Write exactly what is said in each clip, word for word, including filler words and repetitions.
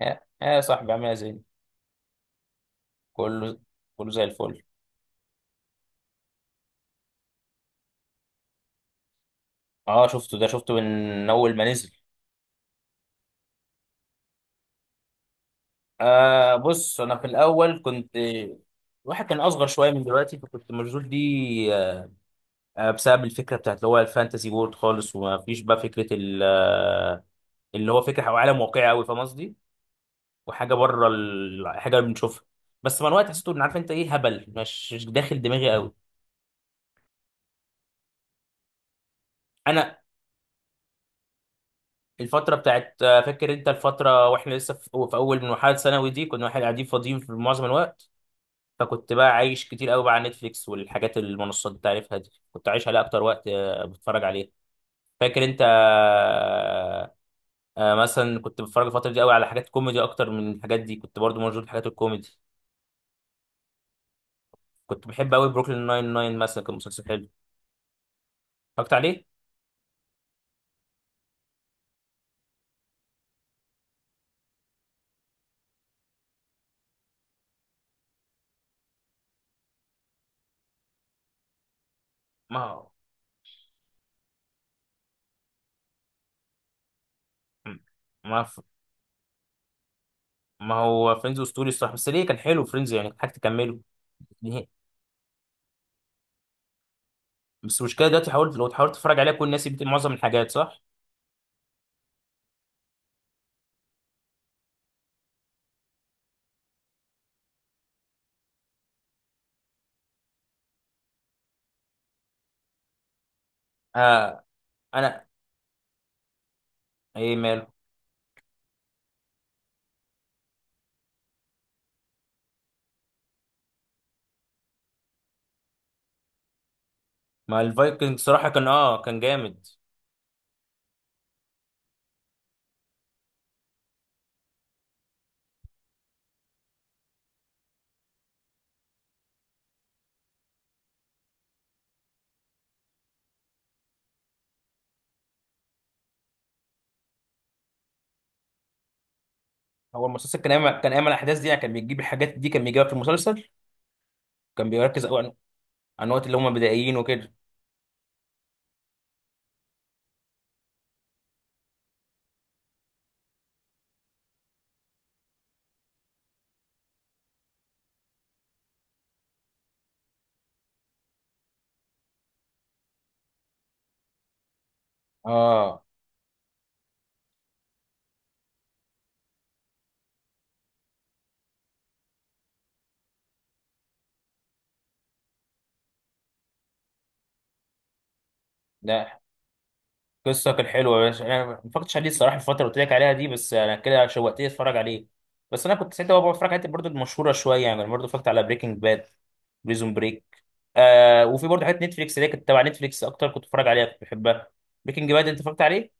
يا يا صاحبي، عامل إيه يا زين؟ كله كله زي الفل. اه، شفته، ده شفته من اول ما نزل. آه بص، انا في الاول كنت، الواحد كان اصغر شويه من دلوقتي، فكنت مشغول دي. آه بسبب الفكره بتاعت اللي هو الفانتسي وورد خالص، وما فيش بقى فكره ال- آه، اللي هو فكره أو عالم واقعي قوي، فاهم قصدي؟ وحاجه بره الحاجه اللي بنشوفها. بس مع الوقت حسيت ان، عارف انت ايه، هبل، مش مش داخل دماغي قوي. انا الفترة بتاعت، آه، فاكر انت الفترة واحنا لسه في في اول من مرحلة ثانوي دي، كنا احنا قاعدين فاضيين في معظم الوقت. فكنت بقى عايش كتير قوي بقى على نتفليكس والحاجات المنصات اللي تعرفها دي، كنت عايش عليها اكتر وقت، آه، بتفرج عليها. فاكر انت؟ آه، آه، مثلا كنت بتفرج الفترة دي قوي على حاجات كوميدي اكتر من الحاجات دي، كنت برضو موجود في حاجات الكوميدي. كنت بحب قوي بروكلين ناين ناين مثلا، كان مسلسل حلو، اتفرجت عليه. ما هو، ما ما هو فريندز اسطوري الصراحة، بس ليه كان حلو فريندز يعني، كنت حاجة تكمله. بس المشكله دلوقتي حاولت، لو حاولت تتفرج عليها كل الناس بتقول معظم الحاجات صح. آه. انا، ايه ماله؟ ما الفايكنج صراحه كان، اه كان جامد. هو المسلسل كان يعمل كان يعمل الاحداث دي، يعني كان بيجيب الحاجات دي، كان بيجيبها في المسلسل. كان بيركز قوي عن عن الوقت اللي هم بدائيين وكده. اه. لا، قصه كانت حلوه يا باشا، انا ما فكرتش عليه الصراحه الفتره اللي قلت لك عليها دي، بس انا كده شوقتني اتفرج عليه. بس انا كنت ساعتها بقى بتفرج على الحاجات برضه المشهوره شويه يعني، برضه فكرت على بريكنج باد، بريزون بريك. آه وفي برضه حاجات نتفليكس اللي هي كانت تبع نتفليكس اكتر، كنت بتفرج عليها، كنت بحبها. بريكنج باد انت اتفرجت عليه؟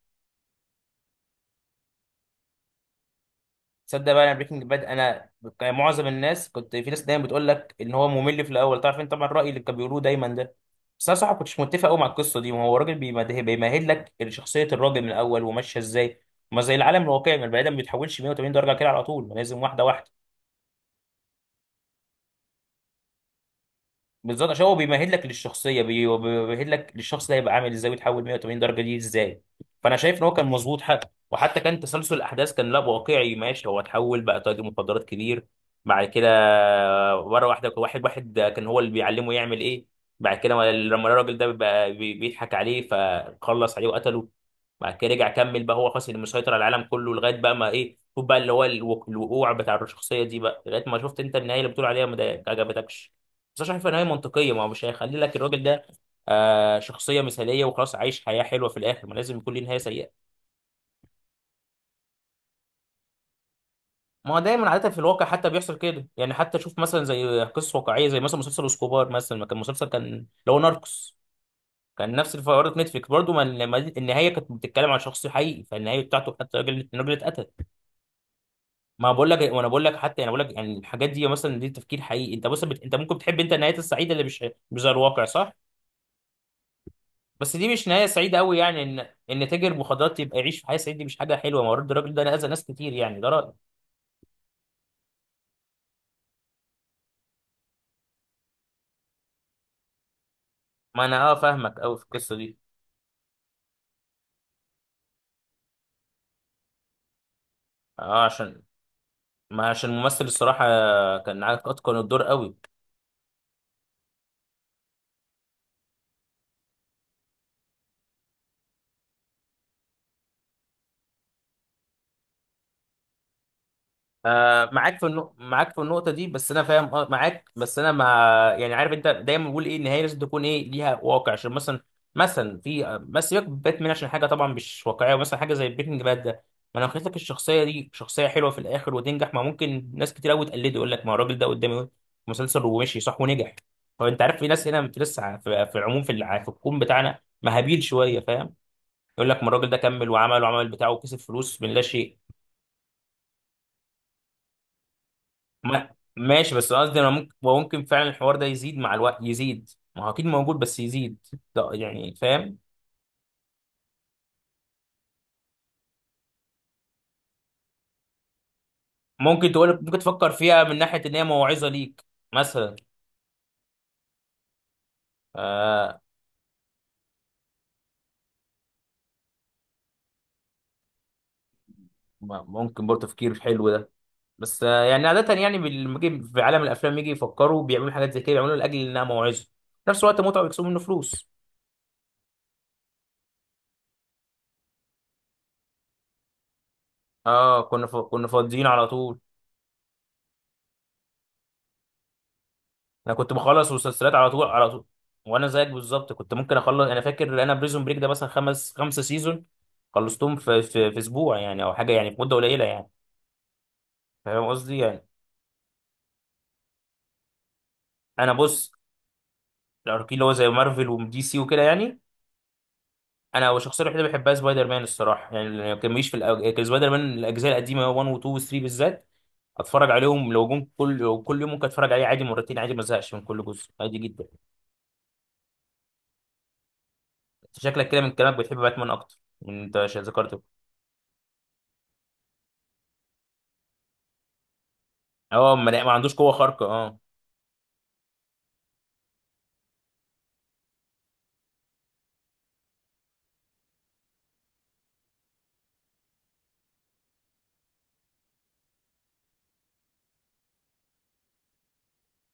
تصدق بقى، انا بريكنج باد انا، كان معظم الناس، كنت في ناس دايما بتقول لك ان هو ممل في الاول، تعرف انت طبعا الراي اللي كانوا بيقولوه دايما ده. بس انا صراحه كنتش متفق قوي مع القصه دي، وهو الراجل بيمهد بيمهد لك شخصيه الراجل من الاول وماشيه ازاي، ما زي العالم الواقعي، ما البني ادم ما بيتحولش مية وتمانين درجه كده على طول، ما لازم واحده واحده. بالظبط، عشان هو بيمهد لك للشخصيه، بي- بيمهد لك للشخص ده هيبقى عامل ازاي ويتحول مية وتمانين درجه دي ازاي. فانا شايف ان هو كان مظبوط، حتى وحتى كان تسلسل الاحداث كان لا واقعي، ماشي، هو اتحول بقى تاجر مخدرات كبير بعد كده، مره واحده، واحد واحد كان هو اللي بيعلمه يعمل ايه، بعد كده لما الراجل ده بقى بي- بيضحك عليه فخلص عليه وقتله، بعد كده رجع كمل بقى هو خلاص اللي مسيطر على العالم كله، لغايه بقى ما، ايه، شوف بقى اللي هو، الوق- الوقوع بتاع الشخصيه دي بقى لغايه ما شفت انت النهايه اللي بتقول عليها ما ده- ما عجبتكش. بس أنا شايف ان هي منطقيه، ما هو مش هيخلي لك الراجل ده آه شخصيه مثاليه وخلاص عايش حياه حلوه في الاخر، ما لازم يكون ليه نهايه سيئه. ما هو دايما عاده في الواقع حتى بيحصل كده يعني، حتى شوف مثلا زي قصص واقعيه، زي مثلا مسلسل اسكوبار مثلا، ما كان مسلسل كان اللي هو ناركوس، كان نفس الفقرات نتفليكس برضه، ما لما النهايه كانت بتتكلم عن شخص حقيقي، فالنهايه بتاعته حتى الراجل، الراجل اتقتل. ما بقول لك، وانا بقول لك حتى يعني بقول لك يعني، الحاجات دي مثلا دي تفكير حقيقي، انت بص، بت... انت ممكن تحب انت النهايات السعيده اللي مش، مش زي الواقع، صح؟ بس دي مش نهايه سعيده قوي يعني، ان ان تاجر مخدرات يبقى يعيش في حياه سعيده، دي مش حاجه حلوه، ما هو برضه الراجل ده انا اذى ناس كتير يعني، ده رايي. ما انا اه، فاهمك قوي في القصه دي. اه، عشان ما عشان الممثل الصراحه كان، عا- اتقن الدور قوي. آه معاك في النق... معاك في النقطة دي، بس أنا فاهم آه، معاك، بس أنا ما، يعني عارف أنت دايما بقول إيه، النهاية لازم تكون إيه ليها واقع، عشان مثلا، مثلا في آه، بس سيبك من باتمان عشان حاجة طبعا مش واقعية، ومثلا حاجة زي بريكنج باد ده، ما أنا قلت لك الشخصية دي شخصية حلوة في الآخر وتنجح، ما ممكن ناس كتير أوي تقلده، يقول لك ما هو الراجل ده قدامي مسلسل ومشي صح ونجح. هو أنت عارف، في ناس هنا، في لسه، في, في العموم، في الع- في الكون بتاعنا مهابيل شوية، فاهم؟ يقول لك ما الراجل ده كمل وعمل وعمل بتاعه وكسب فلوس من لا شيء. ما ماشي، بس قصدي انا ممكن، وممكن فعلا الحوار ده يزيد مع الوقت يزيد، ما هو اكيد موجود بس يزيد ده يعني، فاهم؟ ممكن تقول ممكن تفكر فيها من ناحية ان هي موعظة ليك مثلا. آه م- ممكن برضه تفكير حلو ده. بس آه يعني عادة يعني بال- لما يجي في عالم الافلام، يجي يفكروا بيعملوا حاجات زي كده بيعملوا لاجل انها موعظة، في نفس الوقت متعة بيكسبوا منه فلوس. اه، كنا ف... كنا فاضيين على طول. انا كنت بخلص مسلسلات على طول على طول. وانا زيك بالظبط، كنت ممكن اخلص، انا فاكر انا بريزون بريك ده مثلا خمس خمسة سيزون، خلصتهم في في في اسبوع يعني، او حاجه يعني، في مده قليله يعني، فاهم قصدي يعني؟ انا بص، الاركي اللي هو زي مارفل ودي سي وكده يعني، انا الشخصيه الوحيده اللي بحبها سبايدر مان الصراحه يعني، ما كانش في الأج... كان سبايدر مان الاجزاء القديمه واحد و اتنين و تلاتة بالذات، اتفرج عليهم لو جم كل لو كل يوم ممكن اتفرج عليه عادي مرتين عادي، ما ازهقش من كل جزء عادي جدا. شكلك كده من كلامك بتحب باتمان اكتر، من انت ش- ذكرته. اه، ما ما عندوش قوه خارقه، اه.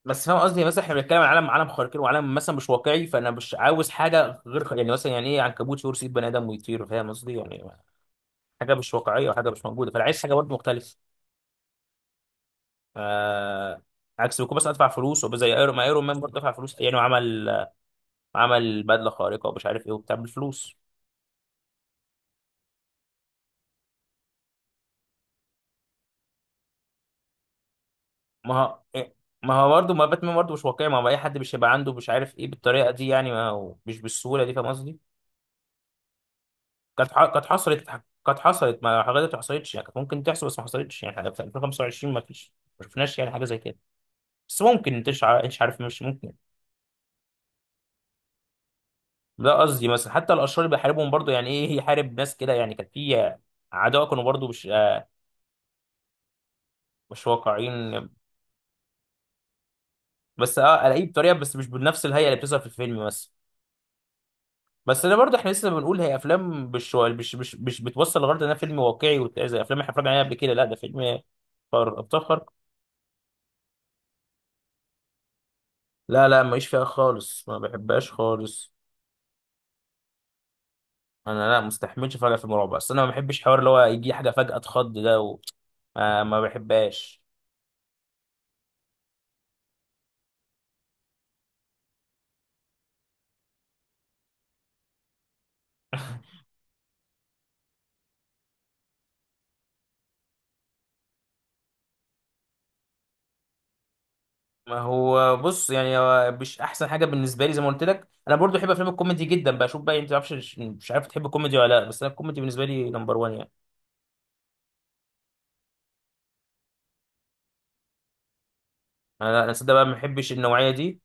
بس فاهم قصدي، مثلا احنا بنتكلم عن عالم، عالم خارقين وعالم مثلا مش واقعي، فانا مش عاوز حاجه غير خ- يعني مثلا يعني ايه، عنكبوت يرسي بني ادم ويطير، فاهم قصدي يعني؟ حاجه مش واقعيه وحاجه مش موجوده، فانا عايز حاجه برضه مختلفه. آه عكس بكون بس ادفع فلوس وبقى زي ايرون، ما ايرون مان برضه دفع فلوس يعني، وعمل عمل بدله خارقه ومش عارف ايه وبتاع بالفلوس. ما هو إيه؟ ما هو برضه، ما باتمان برضه مش واقعي، ما هو اي حد مش هيبقى عنده مش عارف ايه بالطريقه دي يعني، ما هو مش بالسهوله دي، فاهم قصدي؟ كانت ح- كانت حصلت، كانت حصلت، ما حاجات ما حصلتش يعني، كانت ممكن تحصل بس ما حصلتش يعني، في ألفين وخمسة وعشرين ما فيش، ما شفناش يعني حاجه زي كده، بس ممكن انت مش عا- مش عارف، مش ممكن. ده قصدي مثلا حتى الاشرار اللي بيحاربهم برضه يعني ايه، يحارب ناس كده يعني، كان في اعداء كانوا برضه مش آه، مش واقعيين. بس اه الاقيه بطريقه، بس مش بنفس الهيئه اللي بتظهر في الفيلم مثلا. بس انا برضه احنا لسه بنقول هي افلام، مش مش مش مش بتوصل لغرض انها فيلم واقعي، وت- زي افلام احنا اتفرجنا عليها قبل كده، لا ده فيلم خارق- ابطال خارقه. لا، لا، ماليش فيها خالص، ما بحبهاش خالص. انا لا مستحملش فجأة في المرعب، بس انا ما بحبش حوار اللي هو يجي حاجه فجأة اتخض ده، و... ما, ما بحبهاش. ما هو بص يعني، هو مش احسن حاجه بالنسبه لي، زي ما قلت لك انا برضو بحب افلام الكوميدي جدا، بشوف بقى انت تعرفش، مش عارف تحب الكوميدي ولا لا، بس انا الكوميدي بالنسبه لي نمبر واحد يعني. انا لا، انا صدق بقى ما بحبش النوعيه دي.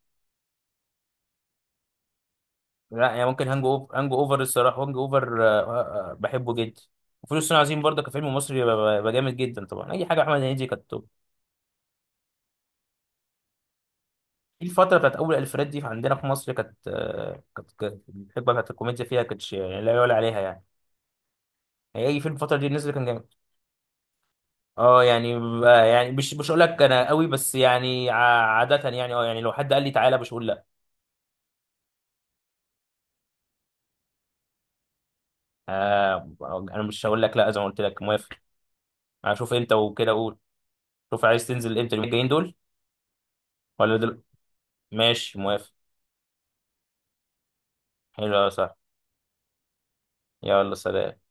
لا يعني، ممكن هانج اوفر، هانج اوفر الصراحه، هانج اوفر آه، آه، آه، بحبه جدا. وفلوس الصين العظيم برضه كفيلم مصري ب- ب- بجامد جدا، طبعا اي حاجه احمد هنيدي كانت. في الفترة بتاعت أول ألفينات دي عندنا في مصر كانت، آه، كانت كانت الحقبة بتاعت الكوميديا فيها كانتش يعني لا يعلى عليها يعني، يعني أي فيلم الفترة دي نزل كان جامد. أه يعني، ب- يعني مش مش هقول لك أنا قوي، بس يعني ع- عادة يعني، أه يعني لو حد قال لي تعالى مش هقول لأ. آه، أنا مش هقول لك لأ، زي ما قلت لك موافق، هشوف أنت وكده قول. شوف عايز تنزل إمتى اليومين الجايين دول؟ ولا دل... ماشي، موافق. حلو يا صاحبي. يلا سلام.